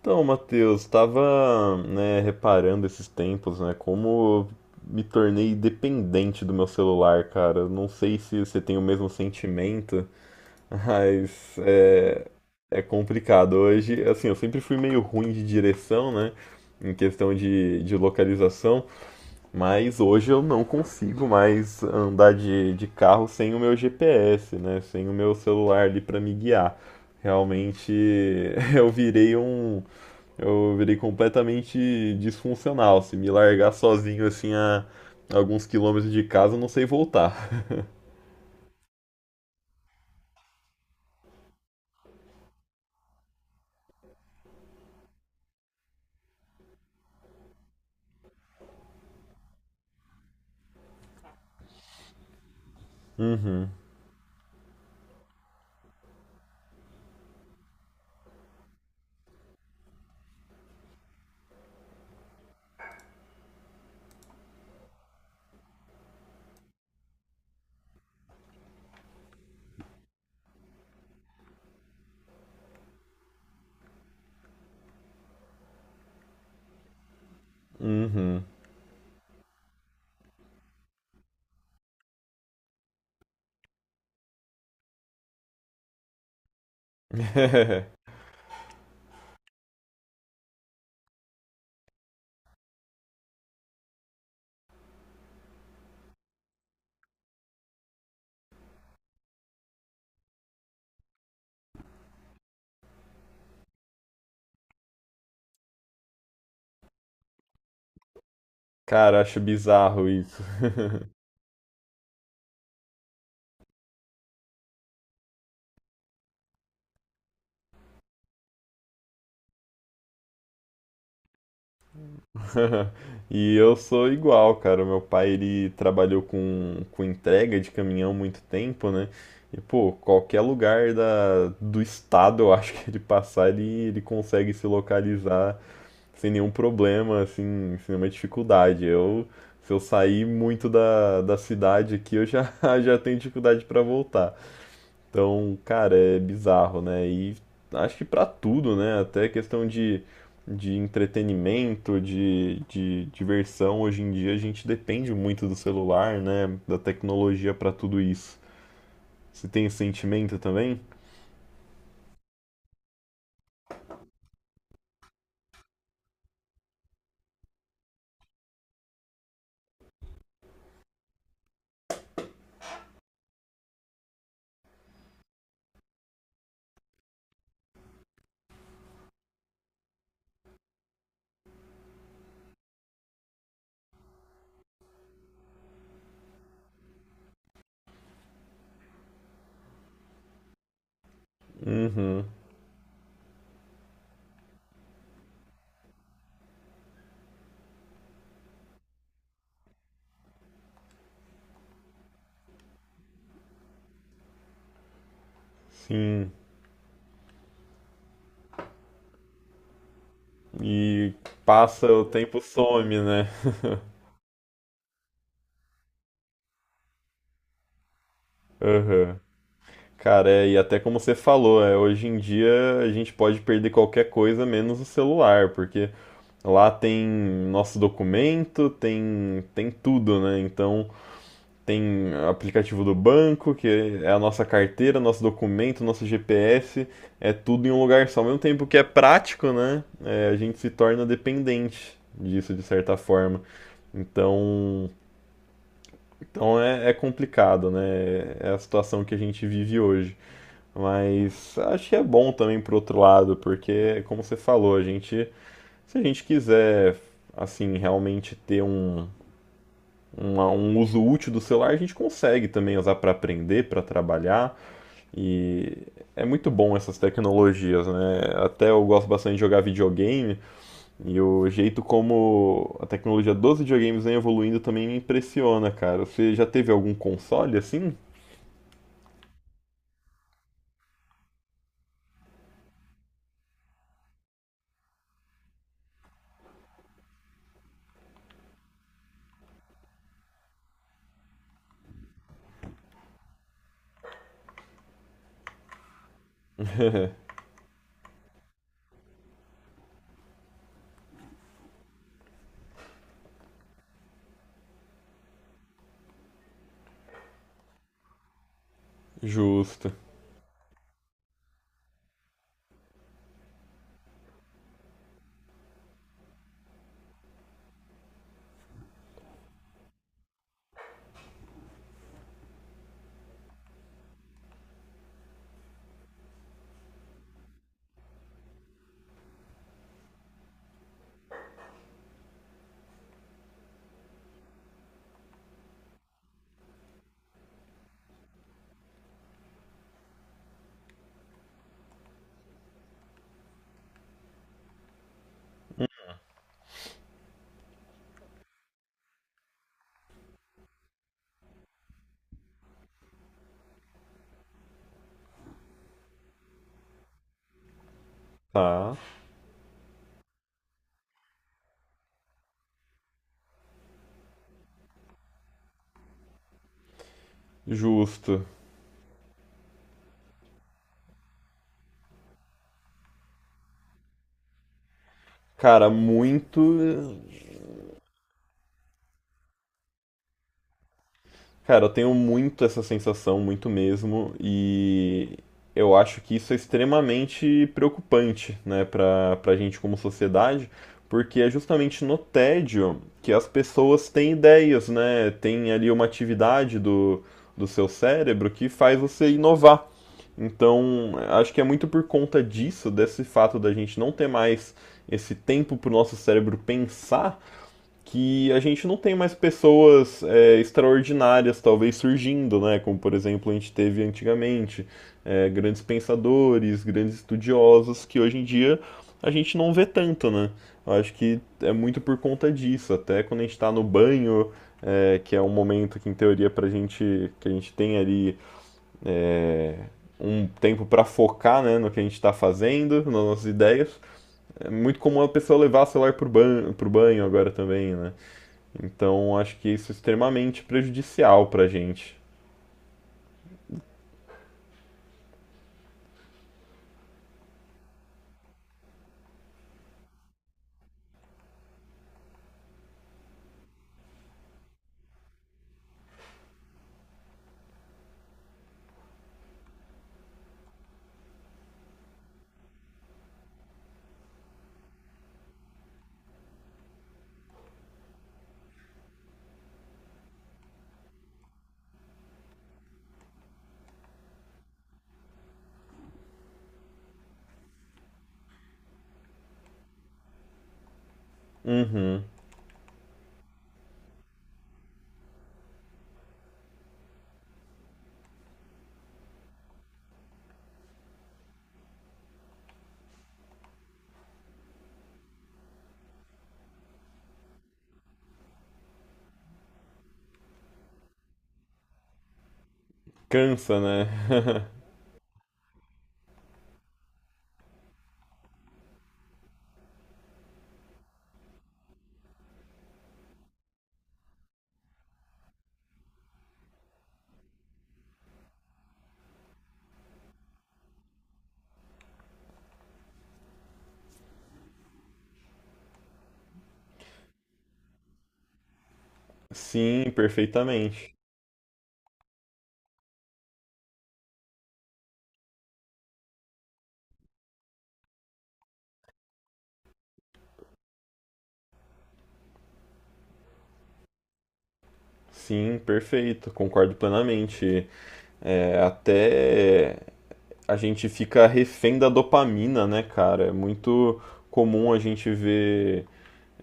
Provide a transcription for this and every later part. Então, Matheus, estava, né, reparando esses tempos, né, como eu me tornei dependente do meu celular, cara. Não sei se você tem o mesmo sentimento, mas é, é complicado. Hoje, assim, eu sempre fui meio ruim de direção, né, em questão de localização, mas hoje eu não consigo mais andar de carro sem o meu GPS, né, sem o meu celular ali para me guiar. Realmente eu virei um eu virei completamente disfuncional. Se me largar sozinho assim a alguns quilômetros de casa, eu não sei voltar. Cara, acho bizarro isso. E eu sou igual, cara. O meu pai ele trabalhou com entrega de caminhão muito tempo, né? E pô, qualquer lugar da, do estado, eu acho que ele passar, ele consegue se localizar sem nenhum problema, assim, sem nenhuma dificuldade. Eu, se eu sair muito da cidade aqui, eu já, já tenho dificuldade para voltar. Então, cara, é bizarro, né? E acho que para tudo, né? Até questão de entretenimento, de diversão, hoje em dia a gente depende muito do celular, né? Da tecnologia para tudo isso. Você tem esse sentimento também? Uhum, sim. E passa o tempo some, né? Aham. Cara, é, e até como você falou, é, hoje em dia a gente pode perder qualquer coisa menos o celular, porque lá tem nosso documento, tem, tem tudo, né? Então tem aplicativo do banco, que é a nossa carteira, nosso documento, nosso GPS, é tudo em um lugar só. Ao mesmo tempo que é prático, né? É, a gente se torna dependente disso de certa forma. Então, então é, é complicado, né? É a situação que a gente vive hoje. Mas acho que é bom também por outro lado, porque, como você falou, a gente, se a gente quiser, assim, realmente ter um, uma- um uso útil do celular, a gente consegue também usar para aprender, para trabalhar, e é muito bom essas tecnologias, né? Até eu gosto bastante de jogar videogame, e o jeito como a tecnologia dos videogames vem evoluindo também me impressiona, cara. Você já teve algum console assim? Justo. Tá, justo. Cara, muito. Cara, eu tenho muito essa sensação, muito mesmo, e eu acho que isso é extremamente preocupante, né, pra gente como sociedade, porque é justamente no tédio que as pessoas têm ideias, né, tem ali uma atividade do, do seu cérebro que faz você inovar. Então, acho que é muito por conta disso, desse fato da gente não ter mais esse tempo pro nosso cérebro pensar que a gente não tem mais pessoas é, extraordinárias talvez surgindo, né? Como por exemplo a gente teve antigamente é, grandes pensadores, grandes estudiosos que hoje em dia a gente não vê tanto, né? Eu acho que é muito por conta disso. Até quando a gente está no banho, é, que é um momento que em teoria pra gente que a gente tem ali é, um tempo para focar né, no que a gente está fazendo, nas nossas ideias. É muito comum a pessoa levar o celular pro banho, agora também, né? Então acho que isso é extremamente prejudicial pra gente. Uhum. Cansa, né? Sim, perfeitamente. Sim, perfeito. Concordo plenamente. É, até a gente fica refém da dopamina, né, cara? É muito comum a gente ver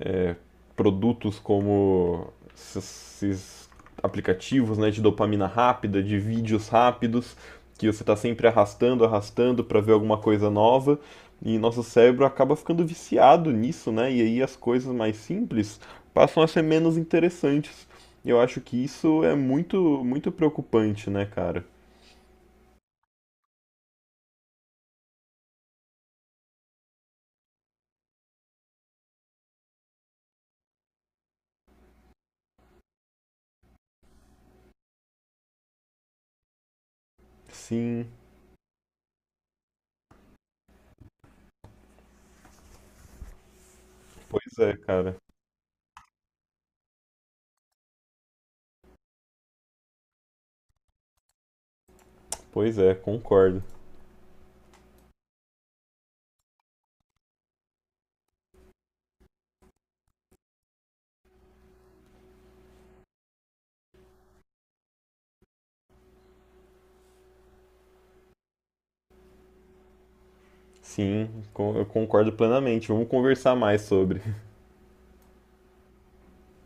é, produtos como esses aplicativos né, de dopamina rápida, de vídeos rápidos, que você está sempre arrastando, arrastando para ver alguma coisa nova, e nosso cérebro acaba ficando viciado nisso, né? E aí as coisas mais simples passam a ser menos interessantes. Eu acho que isso é muito, muito preocupante, né, cara? Sim, pois é, cara. Pois é, concordo. Sim, con- eu concordo plenamente. Vamos conversar mais sobre.